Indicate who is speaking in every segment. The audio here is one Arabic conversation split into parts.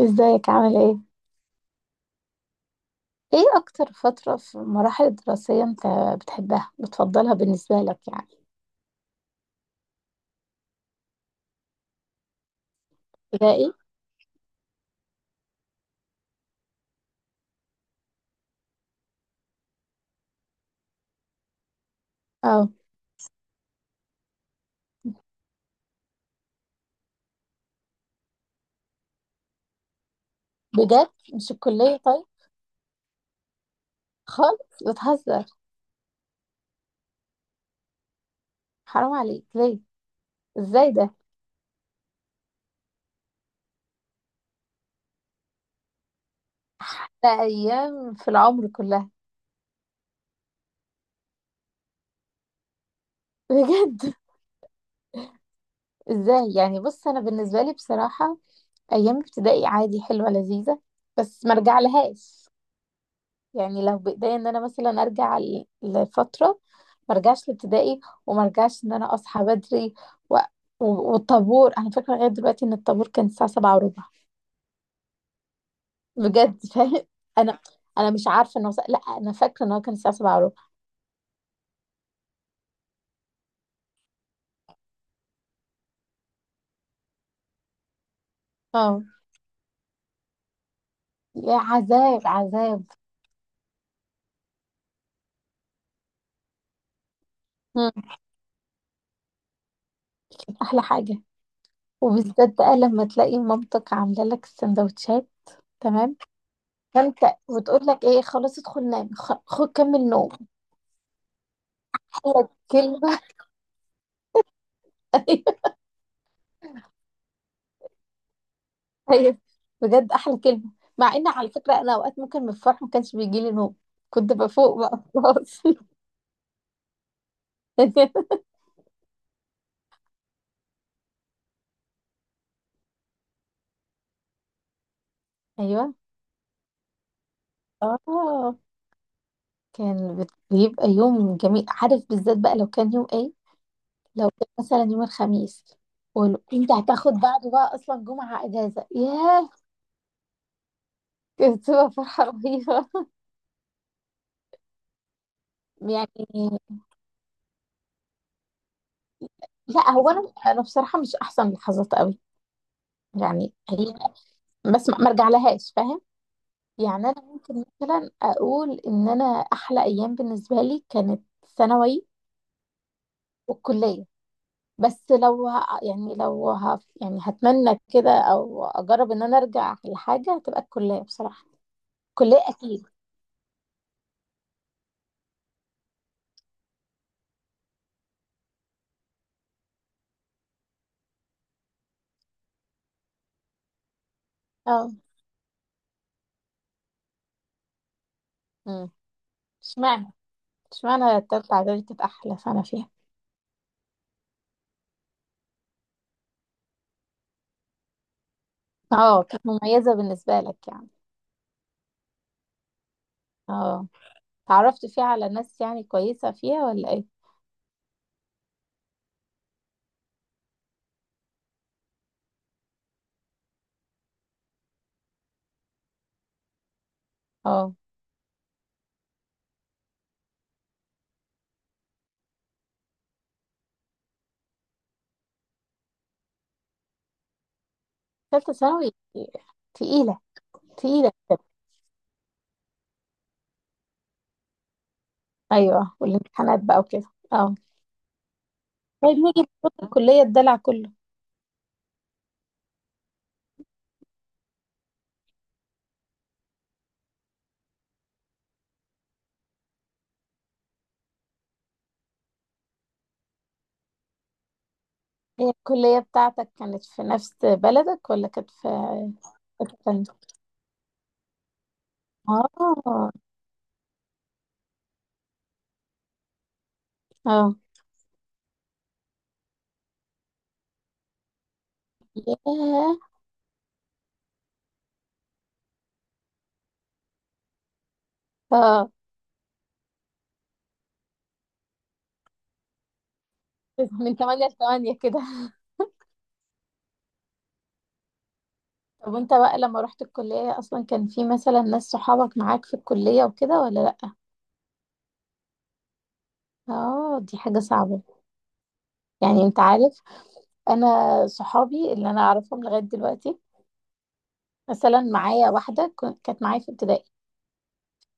Speaker 1: ازيك؟ عامل ايه؟ ايه اكتر فترة في المراحل الدراسية انت بتحبها، بتفضلها بالنسبة لك يعني؟ ابتدائي؟ اه. بجد؟ مش الكلية؟ طيب خالص، بتهزر. حرام عليك، ليه؟ ازاي ده؟ ده ايام في العمر كلها. بجد؟ ازاي يعني؟ بص، انا بالنسبة لي بصراحة ايام ابتدائي عادي حلوة لذيذة، بس ما رجع لهاش. يعني لو بايديا ان انا مثلا ارجع لفتره، ما ارجعش لابتدائي، وما ارجعش ان انا اصحى بدري و... والطابور، انا فاكره لغايه دلوقتي ان الطابور كان الساعه سبعة وربع. بجد؟ فاهم، انا انا مش عارفه انه، لا، انا فاكره ان هو كان الساعه سبعة وربع. اه، يا عذاب عذاب. مم. احلى حاجه، وبالذات بقى لما تلاقي مامتك عامله لك السندوتشات. تمام. فانت، وتقول لك ايه؟ خلاص ادخل نام، خد كمل نوم. ولا كلمه. ايوه. بجد احلى كلمه، مع ان على فكره انا اوقات ممكن من الفرح ما كانش بيجي لي نوم، كنت بفوق بقى خلاص. ايوه. اه، كان بيبقى يوم جميل، عارف، بالذات بقى لو كان يوم ايه؟ لو كان مثلا يوم الخميس، ولو انت هتاخد بعده بقى اصلا جمعه اجازه، ياه، كانت بتبقى فرحه رهيبه يعني. لا، هو انا بصراحه مش احسن لحظات قوي يعني، هي بس ما ارجع لهاش، فاهم؟ يعني انا ممكن مثلا اقول ان انا احلى ايام بالنسبه لي كانت ثانوي والكليه. بس لو يعني لو يعني هتمنى كده او اجرب ان انا ارجع لحاجه، هتبقى الكليه بصراحه. الكليه اكيد. اه. امم اشمعنى اشمعنى التالتة اعدادي كانت احلى سنه فيها؟ اه، كانت مميزه بالنسبه لك يعني؟ اه، تعرفت فيها على ناس يعني كويسه فيها ولا ايه؟ اه، تالتة ثانوي تقيله. تقيله كده. ايوه، والامتحانات بقى وكده. اه، طيب نيجي لفترة الكلية، الدلع كله. هي الكلية بتاعتك كانت في نفس بلدك ولا كانت في حتة تانية؟ اه اه. ياه. اه، من تمانية لتمانية كده. طب وانت بقى لما رحت الكلية أصلا، كان في مثلا ناس صحابك معاك في الكلية وكده ولا لأ؟ اه، دي حاجة صعبة. يعني انت عارف، أنا صحابي اللي أنا أعرفهم لغاية دلوقتي، مثلا معايا واحدة كانت معايا في ابتدائي،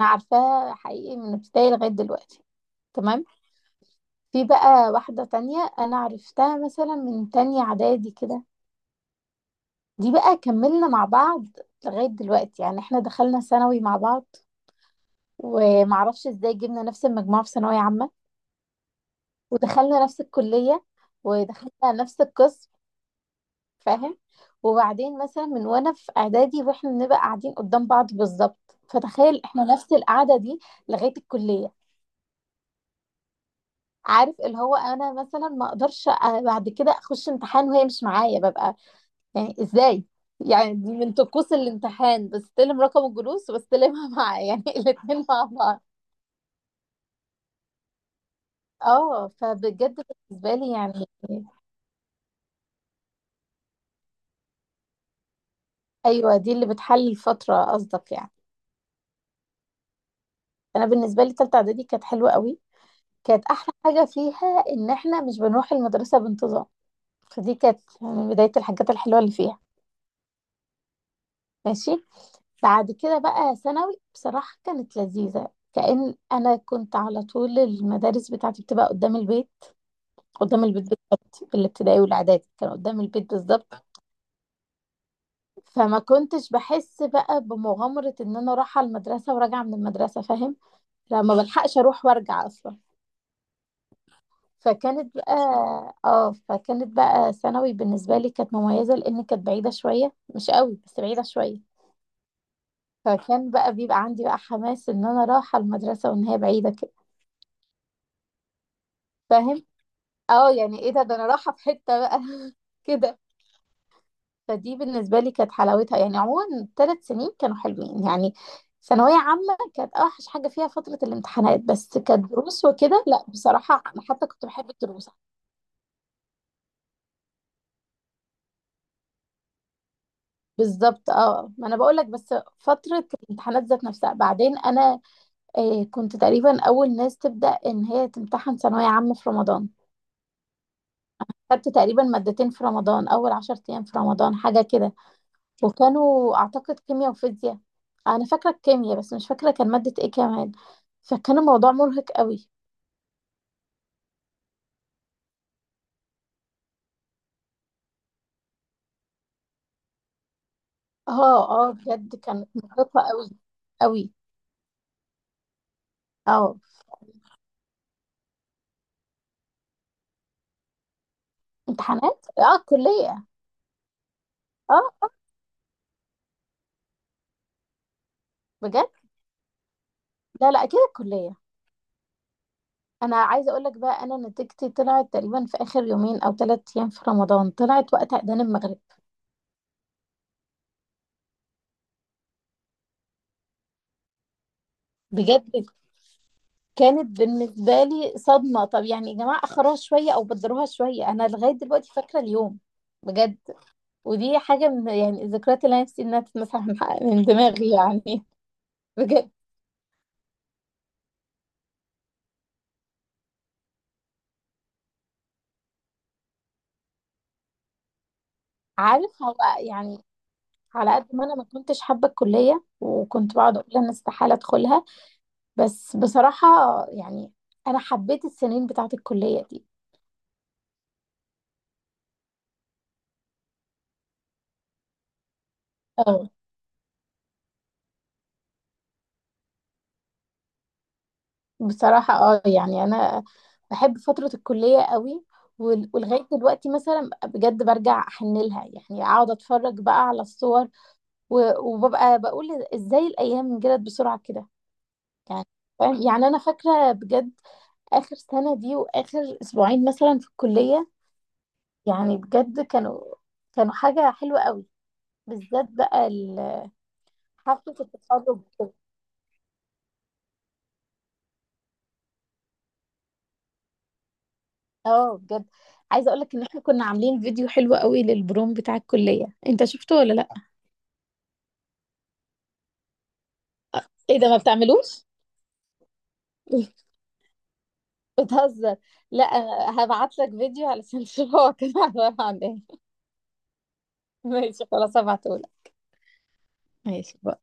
Speaker 1: أنا عارفاها حقيقي من ابتدائي لغاية دلوقتي. تمام. في بقى واحدة تانية أنا عرفتها مثلا من تانية إعدادي كده، دي بقى كملنا مع بعض لغاية دلوقتي. يعني احنا دخلنا ثانوي مع بعض، ومعرفش ازاي جبنا نفس المجموعة في ثانوية عامة، ودخلنا نفس الكلية، ودخلنا نفس القسم، فاهم؟ وبعدين مثلا من وأنا في إعدادي، واحنا بنبقى قاعدين قدام بعض بالظبط، فتخيل احنا نفس القعدة دي لغاية الكلية. عارف اللي هو انا مثلا ما اقدرش بعد كده اخش امتحان وهي مش معايا، ببقى يعني ازاي؟ يعني دي من طقوس الامتحان، بستلم رقم الجلوس وبستلمها، مع يعني الاتنين مع بعض. اه، فبجد بالنسبة لي يعني. ايوه، دي اللي بتحل الفترة قصدك يعني. انا بالنسبة لي تالتة اعدادي كانت حلوة قوي، كانت احلى حاجة فيها ان احنا مش بنروح المدرسة بانتظام، فدي كانت يعني بداية الحاجات الحلوة اللي فيها. ماشي. بعد كده بقى ثانوي بصراحة كانت لذيذة، كأن انا كنت على طول المدارس بتاعتي بتبقى قدام البيت. قدام البيت بالظبط، الابتدائي والاعدادي كان قدام البيت بالظبط، فما كنتش بحس بقى بمغامرة ان انا رايحة المدرسة وراجعة من المدرسة، فاهم؟ لا، ما بلحقش اروح وارجع اصلا. فكانت بقى، اه، فكانت بقى ثانوي بالنسبة لي كانت مميزة، لان كانت بعيدة شوية، مش قوي بس بعيدة شوية، فكان بقى بيبقى عندي بقى حماس ان انا رايحة المدرسة، وان هي بعيدة كده، فاهم؟ اه يعني، ايه ده انا رايحة في حتة بقى كده. فدي بالنسبة لي كانت حلاوتها، يعني عموما الثلاث سنين كانوا حلوين يعني. ثانوية عامة كانت أوحش حاجة فيها فترة الامتحانات، بس كدروس وكده لا بصراحة أنا حتى كنت بحب الدروس. بالظبط. اه، ما أنا بقولك، بس فترة الامتحانات ذات نفسها، بعدين أنا كنت تقريبا أول ناس تبدأ إن هي تمتحن ثانوية عامة في رمضان، خدت تقريبا مادتين في رمضان، أول عشر أيام في رمضان حاجة كده، وكانوا اعتقد كيمياء وفيزياء. انا فاكره الكيمياء بس مش فاكره كان ماده ايه كمان. فكان الموضوع مرهق قوي. اه اه، بجد كانت مرهقه قوي. قوي. اه، امتحانات. اه الكليه. اه بجد. لا لا، اكيد الكليه. انا عايزه اقول لك بقى، انا نتيجتي طلعت تقريبا في اخر يومين او ثلاث ايام في رمضان، طلعت وقت اذان المغرب. بجد. كانت بالنسبه لي صدمه، طب يعني يا جماعه اخروها شويه او بدروها شويه، انا لغايه دلوقتي فاكره اليوم، بجد. ودي حاجة من يعني الذكريات اللي أنا نفسي إنها تتمسح من دماغي يعني. بجد. عارف، هو يعني على قد ما أنا ما كنتش حابة الكلية، وكنت بقعد أقول أنا استحالة أدخلها، بس بصراحة يعني أنا حبيت السنين بتاعة الكلية دي. اه، بصراحة اه يعني أنا بحب فترة الكلية قوي، ولغاية دلوقتي مثلا بجد برجع أحن لها، يعني أقعد أتفرج بقى على الصور، وببقى بقول إزاي الأيام جرت بسرعة كده يعني، فاهم؟ يعني انا فاكره بجد اخر سنه دي، واخر اسبوعين مثلا في الكليه، يعني بجد كانوا حاجه حلوه قوي، بالذات بقى حفله التخرج وكده. اه، بجد عايزه اقول لك، ان احنا كنا عاملين فيديو حلو قوي للبروم بتاع الكليه، انت شفته ولا لا؟ ايه ده، ما بتعملوش؟ بتهزر. لا، أنا هبعت لك فيديو علشان تشوف هو كان عباره عن ايه. ماشي، خلاص هبعته لك. ماشي.